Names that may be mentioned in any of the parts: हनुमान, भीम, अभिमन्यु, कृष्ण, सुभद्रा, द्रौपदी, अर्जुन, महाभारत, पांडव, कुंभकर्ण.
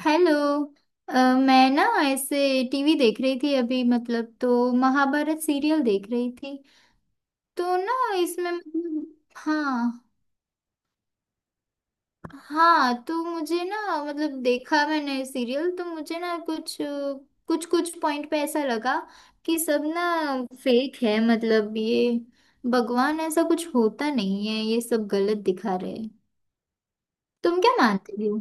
Hello. अ, मैं ना ऐसे टीवी देख रही थी अभी मतलब। तो महाभारत सीरियल देख रही थी तो ना। इसमें मतलब हाँ। हाँ तो मुझे ना मतलब देखा मैंने सीरियल। तो मुझे ना कुछ कुछ कुछ पॉइंट पे ऐसा लगा कि सब ना फेक है। मतलब ये भगवान ऐसा कुछ होता नहीं है। ये सब गलत दिखा रहे हैं। तुम क्या मानते हो?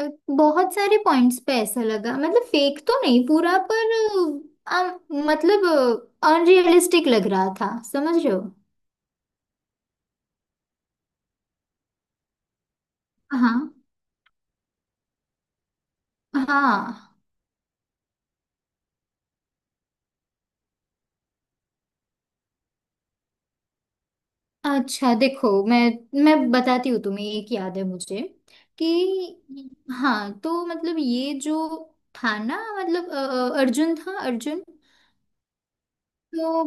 अ, बहुत सारे पॉइंट्स पे ऐसा लगा। मतलब फेक तो नहीं पूरा, पर मतलब अनरियलिस्टिक लग रहा था। समझ रहे हो? हाँ हाँ। अच्छा देखो मैं बताती हूँ तुम्हें। एक याद है मुझे कि, हाँ तो मतलब ये जो था ना, मतलब अर्जुन था, अर्जुन। तो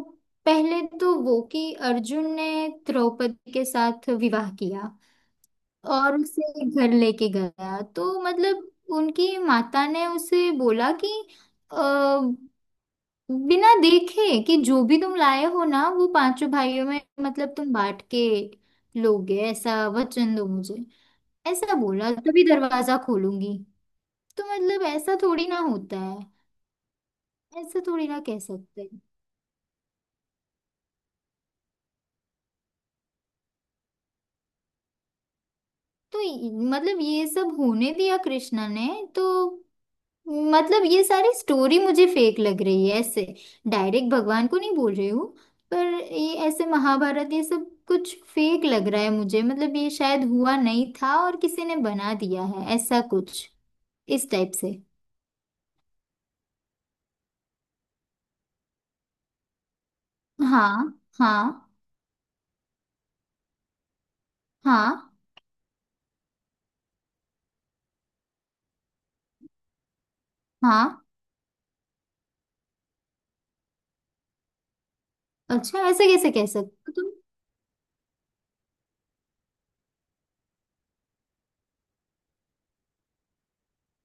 पहले तो वो कि अर्जुन ने द्रौपदी के साथ विवाह किया और उसे घर लेके गया, तो मतलब उनकी माता ने उसे बोला कि अ, बिना देखे कि जो भी तुम लाए हो ना वो पांचों भाइयों में मतलब तुम बांट के लोगे, ऐसा वचन दो मुझे। ऐसा बोला तभी दरवाजा खोलूंगी। तो मतलब ऐसा थोड़ी ना होता है। ऐसा थोड़ी ना कह सकते। तो मतलब ये सब होने दिया कृष्णा ने। तो मतलब ये सारी स्टोरी मुझे फेक लग रही है ऐसे। डायरेक्ट भगवान को नहीं बोल रही हूँ, पर ये ऐसे महाभारत ये सब कुछ फेक लग रहा है मुझे। मतलब ये शायद हुआ नहीं था और किसी ने बना दिया है ऐसा कुछ, इस टाइप से। हाँ हाँ हाँ हाँ। अच्छा ऐसा कैसे कह सकते हो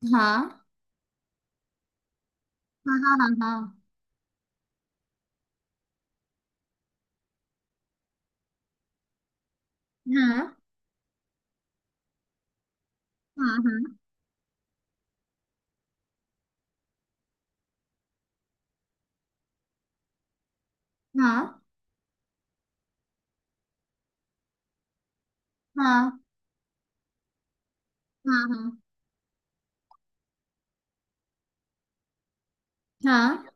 तुम? हाँ हाँ हाँ हाँ हाँ हाँ हाँ हाँ हाँ हाँ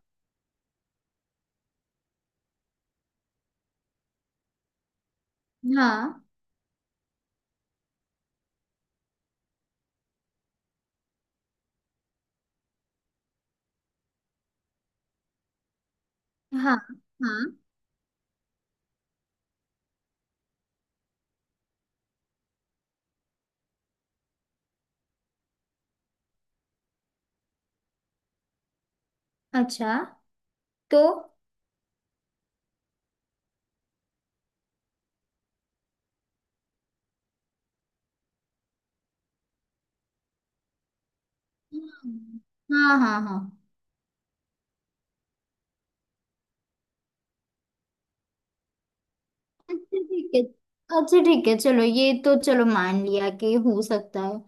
हाँ हाँ हाँ हाँ हाँ हाँ। अच्छा। तो हम्म, हाँ हाँ हाँ। अच्छा ठीक है। अच्छा ठीक है, चलो ये तो चलो मान लिया कि हो सकता है।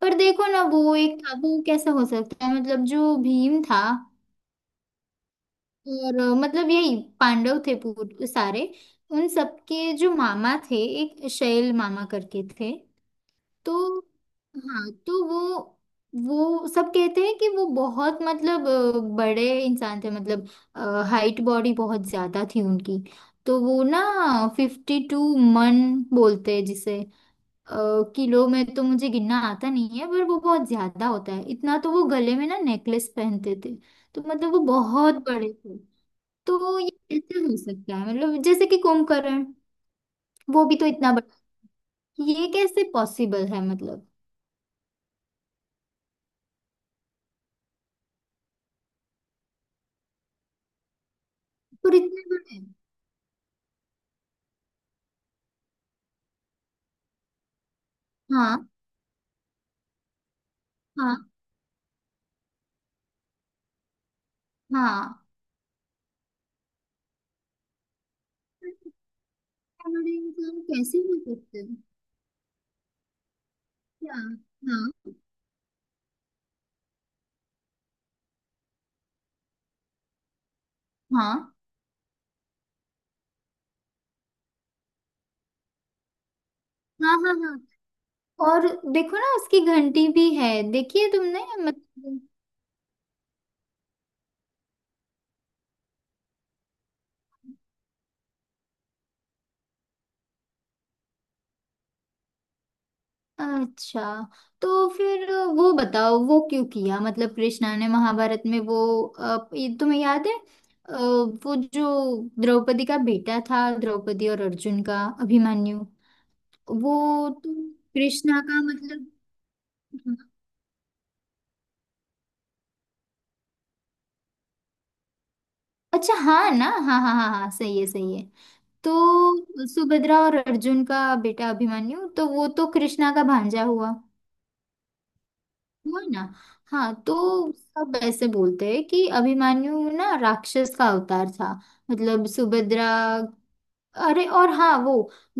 पर देखो ना वो एक था वो कैसे हो सकता है, मतलब जो भीम था और मतलब यही पांडव थे, सारे उन सबके जो मामा थे, एक शैल मामा करके थे। तो हाँ तो वो सब कहते हैं कि वो बहुत, मतलब बड़े इंसान थे। मतलब हाइट बॉडी बहुत ज्यादा थी उनकी। तो वो ना 52 मन बोलते हैं जिसे। अ, किलो में तो मुझे गिनना आता नहीं है, पर वो बहुत ज्यादा होता है इतना। तो वो गले में ना नेकलेस पहनते थे। तो मतलब वो बहुत बड़े थे। तो ये कैसे हो सकता है, मतलब जैसे कि कुंभकर्ण वो भी तो इतना बड़ा। ये कैसे पॉसिबल है मतलब? पर इतने बड़े। हाँ हाँ हाँ। कैलोरीज हम कैसे भी करते हैं। क्या, हाँ। हाँ हाँ हाँ हाँ। और देखो ना उसकी घंटी भी है, देखी है तुमने मतलब? अच्छा। तो फिर वो बताओ वो क्यों किया, मतलब कृष्णा ने महाभारत में वो, ये तुम्हें याद है? अ, वो जो द्रौपदी का बेटा था, द्रौपदी और अर्जुन का, अभिमन्यु, वो तो कृष्णा का मतलब। हाँ। अच्छा, हाँ ना, हाँ हाँ हाँ हाँ सही है सही है। तो सुभद्रा और अर्जुन का बेटा अभिमन्यु, तो वो तो कृष्णा का भांजा हुआ। हुआ ना? हाँ तो सब ऐसे बोलते हैं कि अभिमन्यु ना राक्षस का अवतार था। मतलब सुभद्रा, अरे और हाँ वो,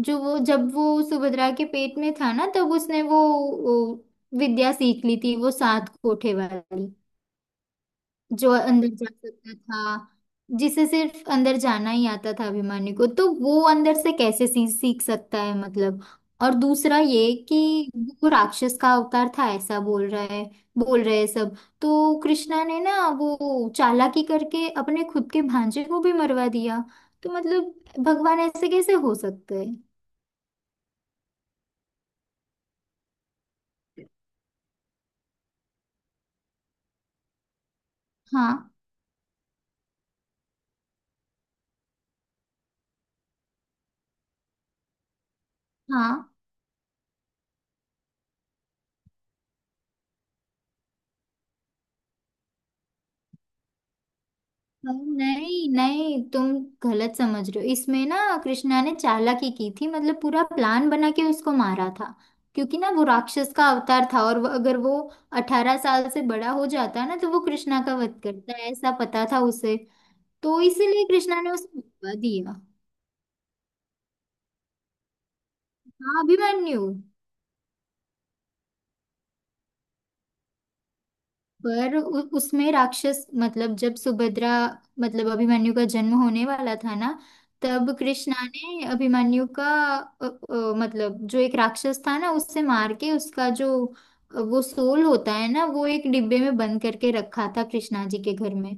जो वो जब वो सुभद्रा के पेट में था ना, तब उसने वो विद्या सीख ली थी, वो सात कोठे वाली, जो अंदर जा सकता था, जिसे सिर्फ अंदर जाना ही आता था। अभिमानी को तो वो अंदर से कैसे सीख सकता है मतलब? और दूसरा ये कि वो राक्षस का अवतार था, ऐसा बोल रहा है, बोल रहे हैं सब। तो कृष्णा ने ना वो चालाकी करके अपने खुद के भांजे को भी मरवा दिया। तो मतलब भगवान ऐसे कैसे हो सकते हैं? हाँ हाँ हाँ। नहीं नहीं, तुम गलत समझ रहे हो इसमें ना। कृष्णा ने चालाकी की थी, मतलब पूरा प्लान बना के उसको मारा था। क्योंकि ना वो राक्षस का अवतार था और अगर वो 18 साल से बड़ा हो जाता ना तो वो कृष्णा का वध करता है, ऐसा पता था उसे। तो इसीलिए कृष्णा ने उसे मरवा दिया। हाँ, अभिमन्यु। पर उसमें राक्षस, मतलब जब सुभद्रा, मतलब अभिमन्यु का जन्म होने वाला था ना, तब कृष्णा ने अभिमन्यु का मतलब जो एक राक्षस था ना उससे मार के, उसका जो वो सोल होता है ना, वो एक डिब्बे में बंद करके रखा था कृष्णा जी के घर में।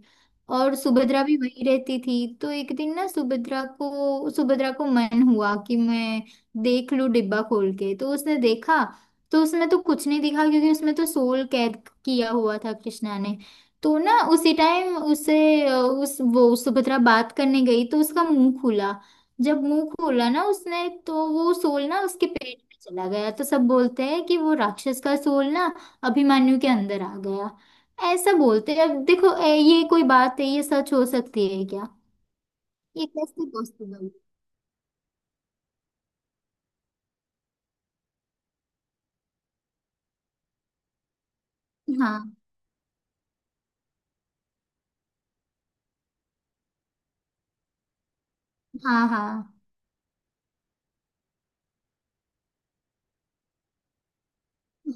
और सुभद्रा भी वहीं रहती थी। तो एक दिन ना सुभद्रा को मन हुआ कि मैं देख लूं डिब्बा खोल के। तो उसने देखा तो उसमें तो कुछ नहीं दिखा, क्योंकि उसमें तो सोल कैद किया हुआ था कृष्णा ने। तो ना उसी टाइम उसे, अ, उस वो सुभद्रा बात करने गई तो उसका मुंह खुला। जब मुंह खोला ना उसने, तो वो सोल ना उसके पेट में चला गया। तो सब बोलते हैं कि वो राक्षस का सोल ना अभिमन्यु के अंदर आ गया, ऐसा बोलते हैं। अब देखो ये कोई बात है? ये सच हो सकती है क्या? ये कैसे पॉसिबल? हाँ हाँ हाँ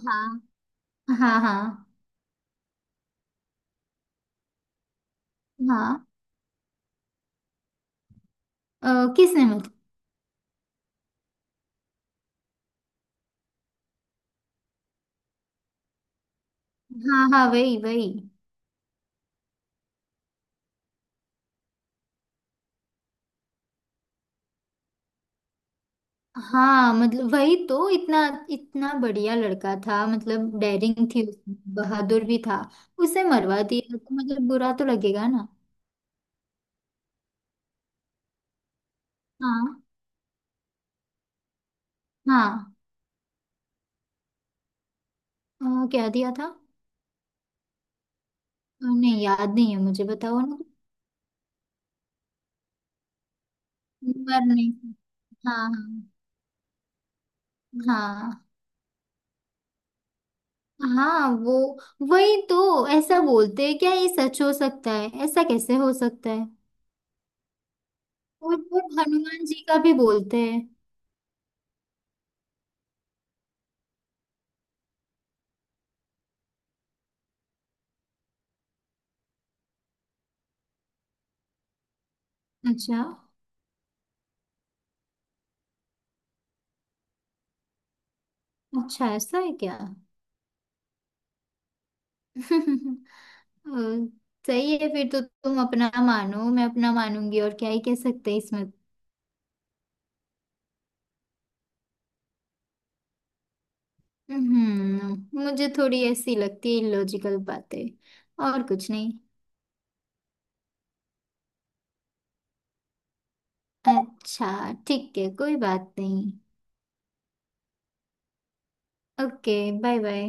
हाँ हाँ हाँ हाँ। किसने मतलब? हाँ हाँ, वही वही। हाँ मतलब वही तो, इतना इतना बढ़िया लड़का था, मतलब डेयरिंग थी उसमें, बहादुर भी था। उसे मरवा दिया तो मतलब बुरा तो लगेगा ना। हाँ हाँ। क्या दिया था? नहीं, याद नहीं है मुझे, बताओ ना। मर नहीं। हाँ हाँ हाँ। वो वही तो ऐसा बोलते हैं। क्या ये सच हो सकता है, ऐसा कैसे हो सकता है? और हनुमान जी का भी बोलते हैं। अच्छा। अच्छा ऐसा है क्या? अ, सही है, फिर तो तुम अपना मानो मैं अपना मानूंगी, और क्या ही कह सकते हैं इसमें। मुझे थोड़ी ऐसी लगती है लॉजिकल बातें, और कुछ नहीं। अच्छा ठीक है, कोई बात नहीं। ओके। Bye bye.